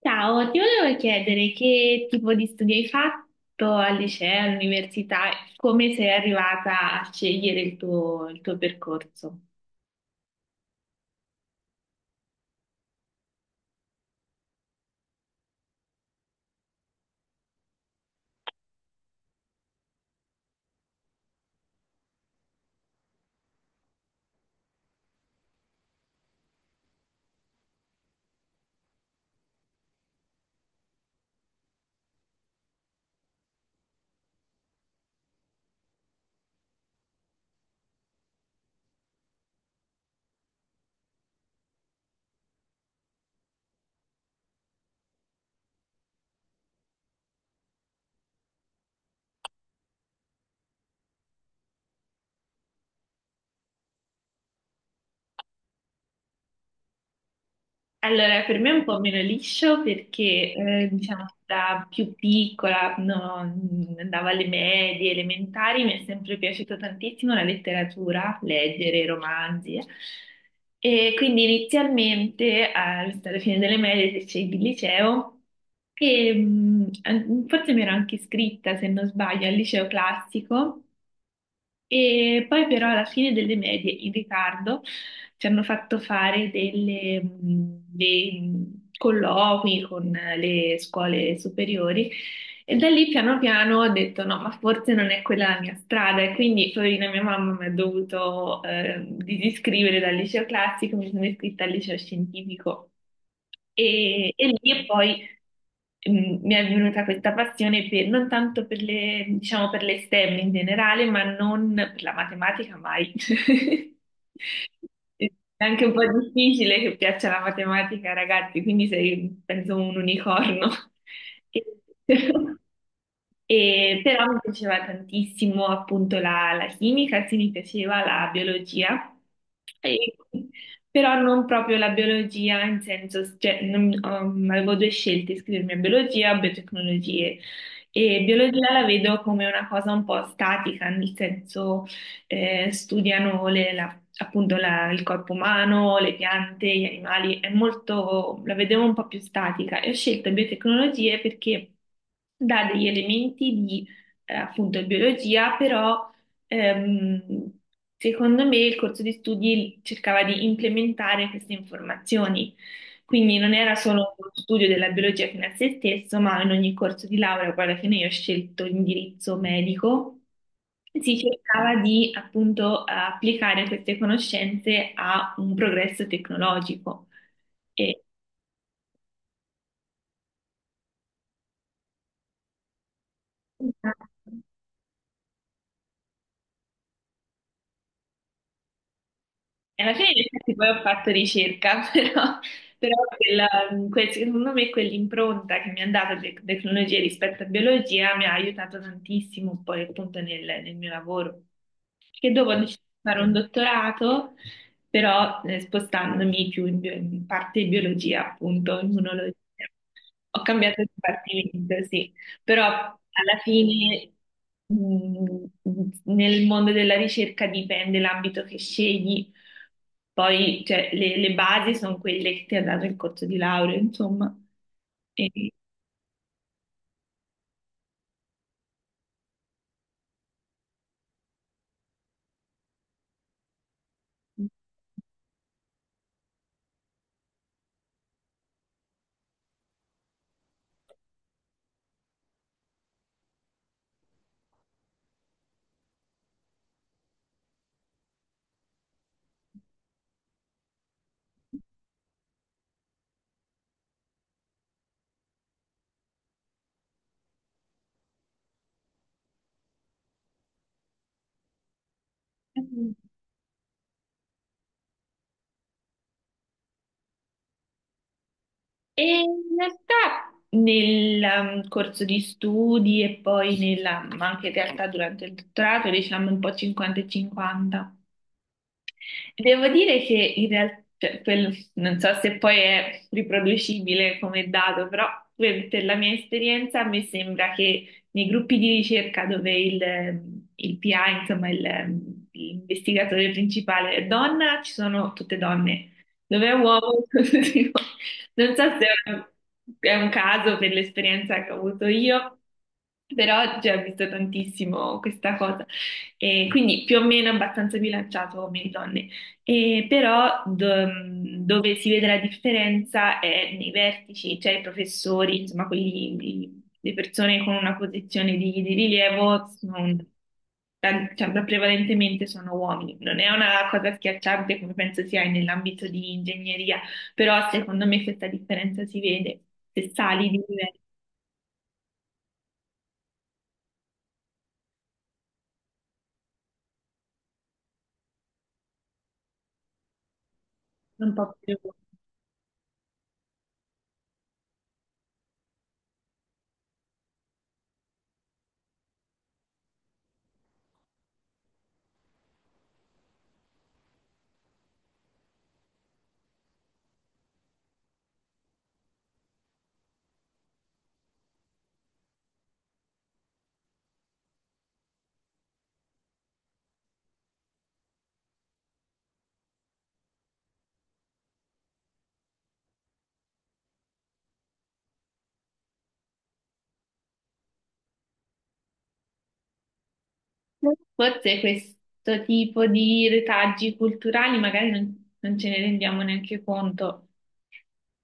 Ciao, ti volevo chiedere che tipo di studi hai fatto al liceo, all'università, e come sei arrivata a scegliere il tuo percorso? Allora, per me è un po' meno liscio perché, diciamo, da più piccola, quando andavo alle medie, elementari, mi è sempre piaciuta tantissimo la letteratura, leggere romanzi. E quindi inizialmente, alla fine delle medie, se scegli il liceo, e, forse mi ero anche iscritta, se non sbaglio, al liceo classico. E poi però alla fine delle medie in ritardo ci hanno fatto fare dei colloqui con le scuole superiori e da lì piano piano ho detto no, ma forse non è quella la mia strada e quindi poverina mia mamma mi ha dovuto disiscrivere dal liceo classico, mi sono iscritta al liceo scientifico e lì e poi mi è venuta questa passione non tanto per le, diciamo, per le STEM in generale, ma non per la matematica mai. È anche un po' difficile che piaccia la matematica ai ragazzi, quindi sei, penso, un unicorno. E- e però mi piaceva tantissimo appunto la chimica, sì, mi piaceva la biologia. E- Però non proprio la biologia in senso, cioè, avevo due scelte, iscrivermi a biologia o biotecnologie. E biologia la vedo come una cosa un po' statica, nel senso studiano il corpo umano, le piante, gli animali, è molto, la vedevo un po' più statica e ho scelto biotecnologie perché dà degli elementi di appunto biologia, però ehm, secondo me il corso di studi cercava di implementare queste informazioni. Quindi non era solo uno studio della biologia fino a se stesso, ma in ogni corso di laurea, poi alla fine io ho scelto l'indirizzo medico, si cercava di appunto applicare queste conoscenze a un progresso tecnologico. E e alla fine in effetti poi ho fatto ricerca, però secondo me quell'impronta che mi ha dato le tecnologie rispetto a biologia mi ha aiutato tantissimo poi appunto nel mio lavoro. Che dopo ho deciso di fare un dottorato, però spostandomi più in parte biologia, appunto, immunologia. Ho cambiato dipartimento, sì, però alla fine mh, nel mondo della ricerca dipende l'ambito che scegli, poi cioè, le basi sono quelle che ti ha dato il corso di laurea, insomma. E- E in realtà nel corso di studi e poi ma anche in realtà durante il dottorato, diciamo un po' 50 e 50. Devo dire che in realtà, non so se poi è riproducibile come dato, però per la mia esperienza mi sembra che nei gruppi di ricerca dove il PA, insomma l'investigatore principale è donna, ci sono tutte donne. Dove è uomo, non so se è un caso per l'esperienza che ho avuto io, però già ho visto tantissimo questa cosa. E quindi più o meno abbastanza bilanciato uomini e donne. E però dove si vede la differenza è nei vertici, cioè i professori, insomma, quelli, le persone con una posizione di rilievo, cioè, prevalentemente sono uomini. Non è una cosa schiacciante come penso sia nell'ambito di ingegneria, però secondo me questa differenza si vede se sali di livello un po' più. Forse questo tipo di retaggi culturali magari non ce ne rendiamo neanche conto.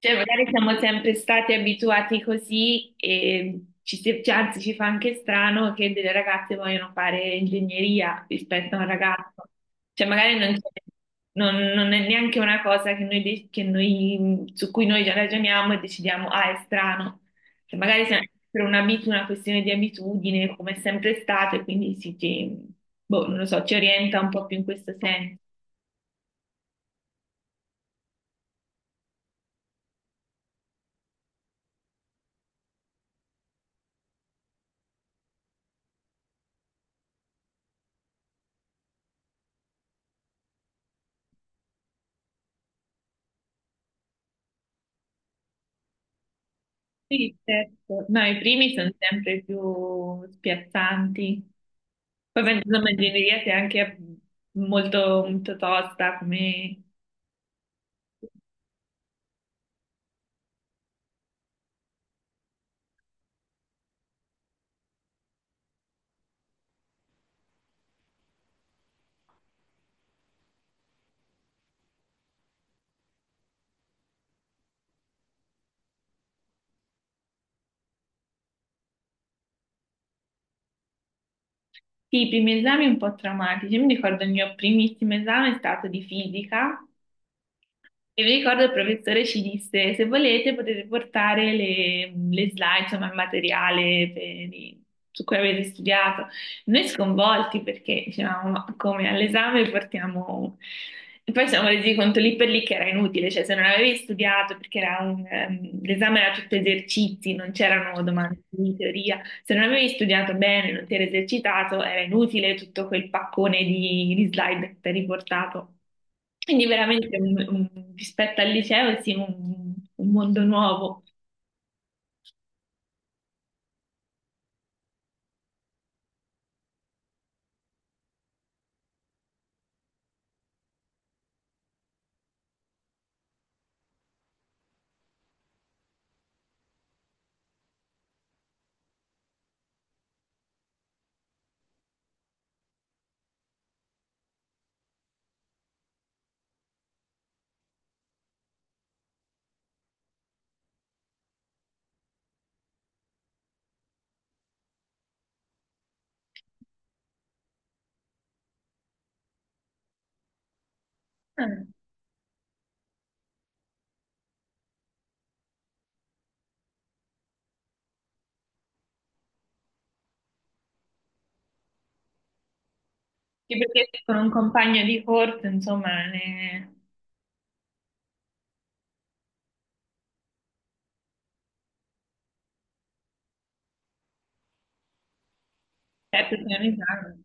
Cioè, magari siamo sempre stati abituati così e cioè, anzi ci fa anche strano che delle ragazze vogliono fare ingegneria rispetto a un ragazzo. Cioè, magari non, c'è- non- non è neanche una cosa che noi, de- che noi- su cui noi già ragioniamo e decidiamo, ah, è strano. Cioè, magari una questione di abitudine, come è sempre stato, e quindi boh, non lo so, ci orienta un po' più in questo senso. Sì, certo. No, i primi sono sempre più spiazzanti. Poi penso che l'ingegneria sia anche molto, molto tosta, come... Sì, i primi esami un po' traumatici. Io mi ricordo il mio primissimo esame è stato di fisica. E mi ricordo il professore ci disse, se volete potete portare le slide, insomma il materiale per su cui avete studiato. Noi sconvolti perché dicevamo, ma come all'esame portiamo? E poi ci siamo resi conto lì per lì che era inutile, cioè se non avevi studiato, perché era l'esame era tutto esercizi, non c'erano domande di teoria, se non avevi studiato bene, non ti eri esercitato, era inutile tutto quel paccone di slide che ti hai riportato. Quindi veramente rispetto al liceo sì, un mondo nuovo. Ah, sì, perché con un compagno di corso, insomma, ne. Certo, piano piano.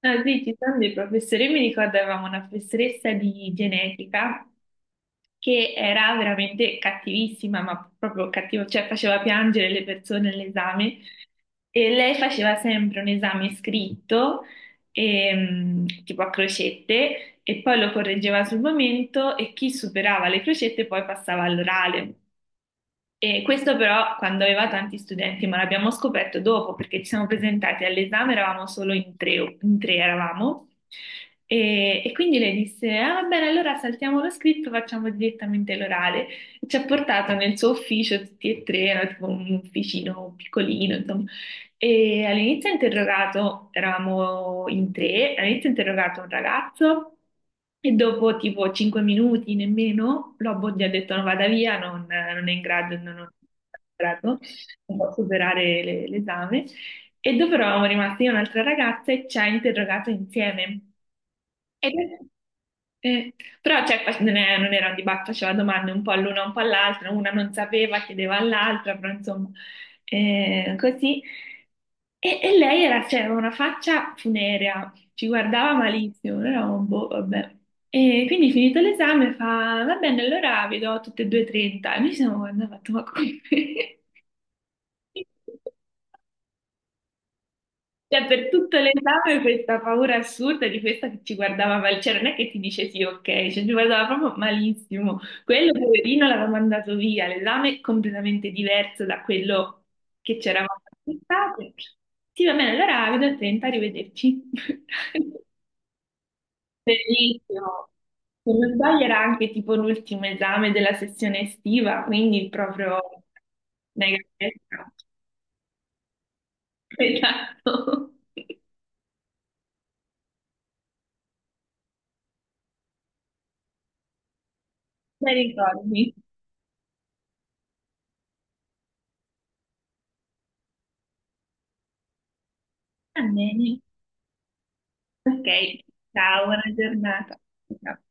Ah, sì, ci sono dei professori, mi ricordo avevamo una professoressa di genetica che era veramente cattivissima, ma proprio cattiva, cioè faceva piangere le persone all'esame e lei faceva sempre un esame scritto, tipo a crocette, e poi lo correggeva sul momento e chi superava le crocette poi passava all'orale. E questo però quando aveva tanti studenti, ma l'abbiamo scoperto dopo perché ci siamo presentati all'esame, eravamo solo in tre eravamo, e quindi lei disse, ah va bene, allora saltiamo lo scritto, facciamo direttamente l'orale. E ci ha portato nel suo ufficio tutti e tre, era tipo un ufficino piccolino, insomma, e all'inizio ha interrogato, eravamo in tre, all'inizio ha interrogato un ragazzo e dopo tipo 5 minuti nemmeno, Lobo gli ha detto no, vada via, non è in grado, non è in grado, non può superare l'esame. E dopo eravamo rimasti io e un'altra ragazza e ci ha interrogato insieme. Ed eh, però cioè, non era un dibattito, faceva domande un po' all'una, un po' all'altra, una non sapeva, chiedeva all'altra, però insomma, così. E lei era, cioè, aveva una faccia funerea, ci guardava malissimo, noi eravamo, boh, vabbè. E quindi finito l'esame fa, va bene, allora vi do tutte e due 30. E noi ci siamo guardati e abbiamo fatto, ma come? Cioè, per tutto l'esame questa paura assurda di questa che ci guardava mal, cioè non è che ti dice sì, ok, cioè ci guardava proprio malissimo. Quello poverino l'aveva mandato via, l'esame è completamente diverso da quello che c'eravamo aspettati. Sì, va bene, allora vedo a 30, arrivederci. Bellissimo. Se non sbaglio era anche tipo l'ultimo esame della sessione estiva, quindi proprio mega festa. Esatto. Bei ricordi. Almeno. Ok, ciao, buona giornata. Ciao.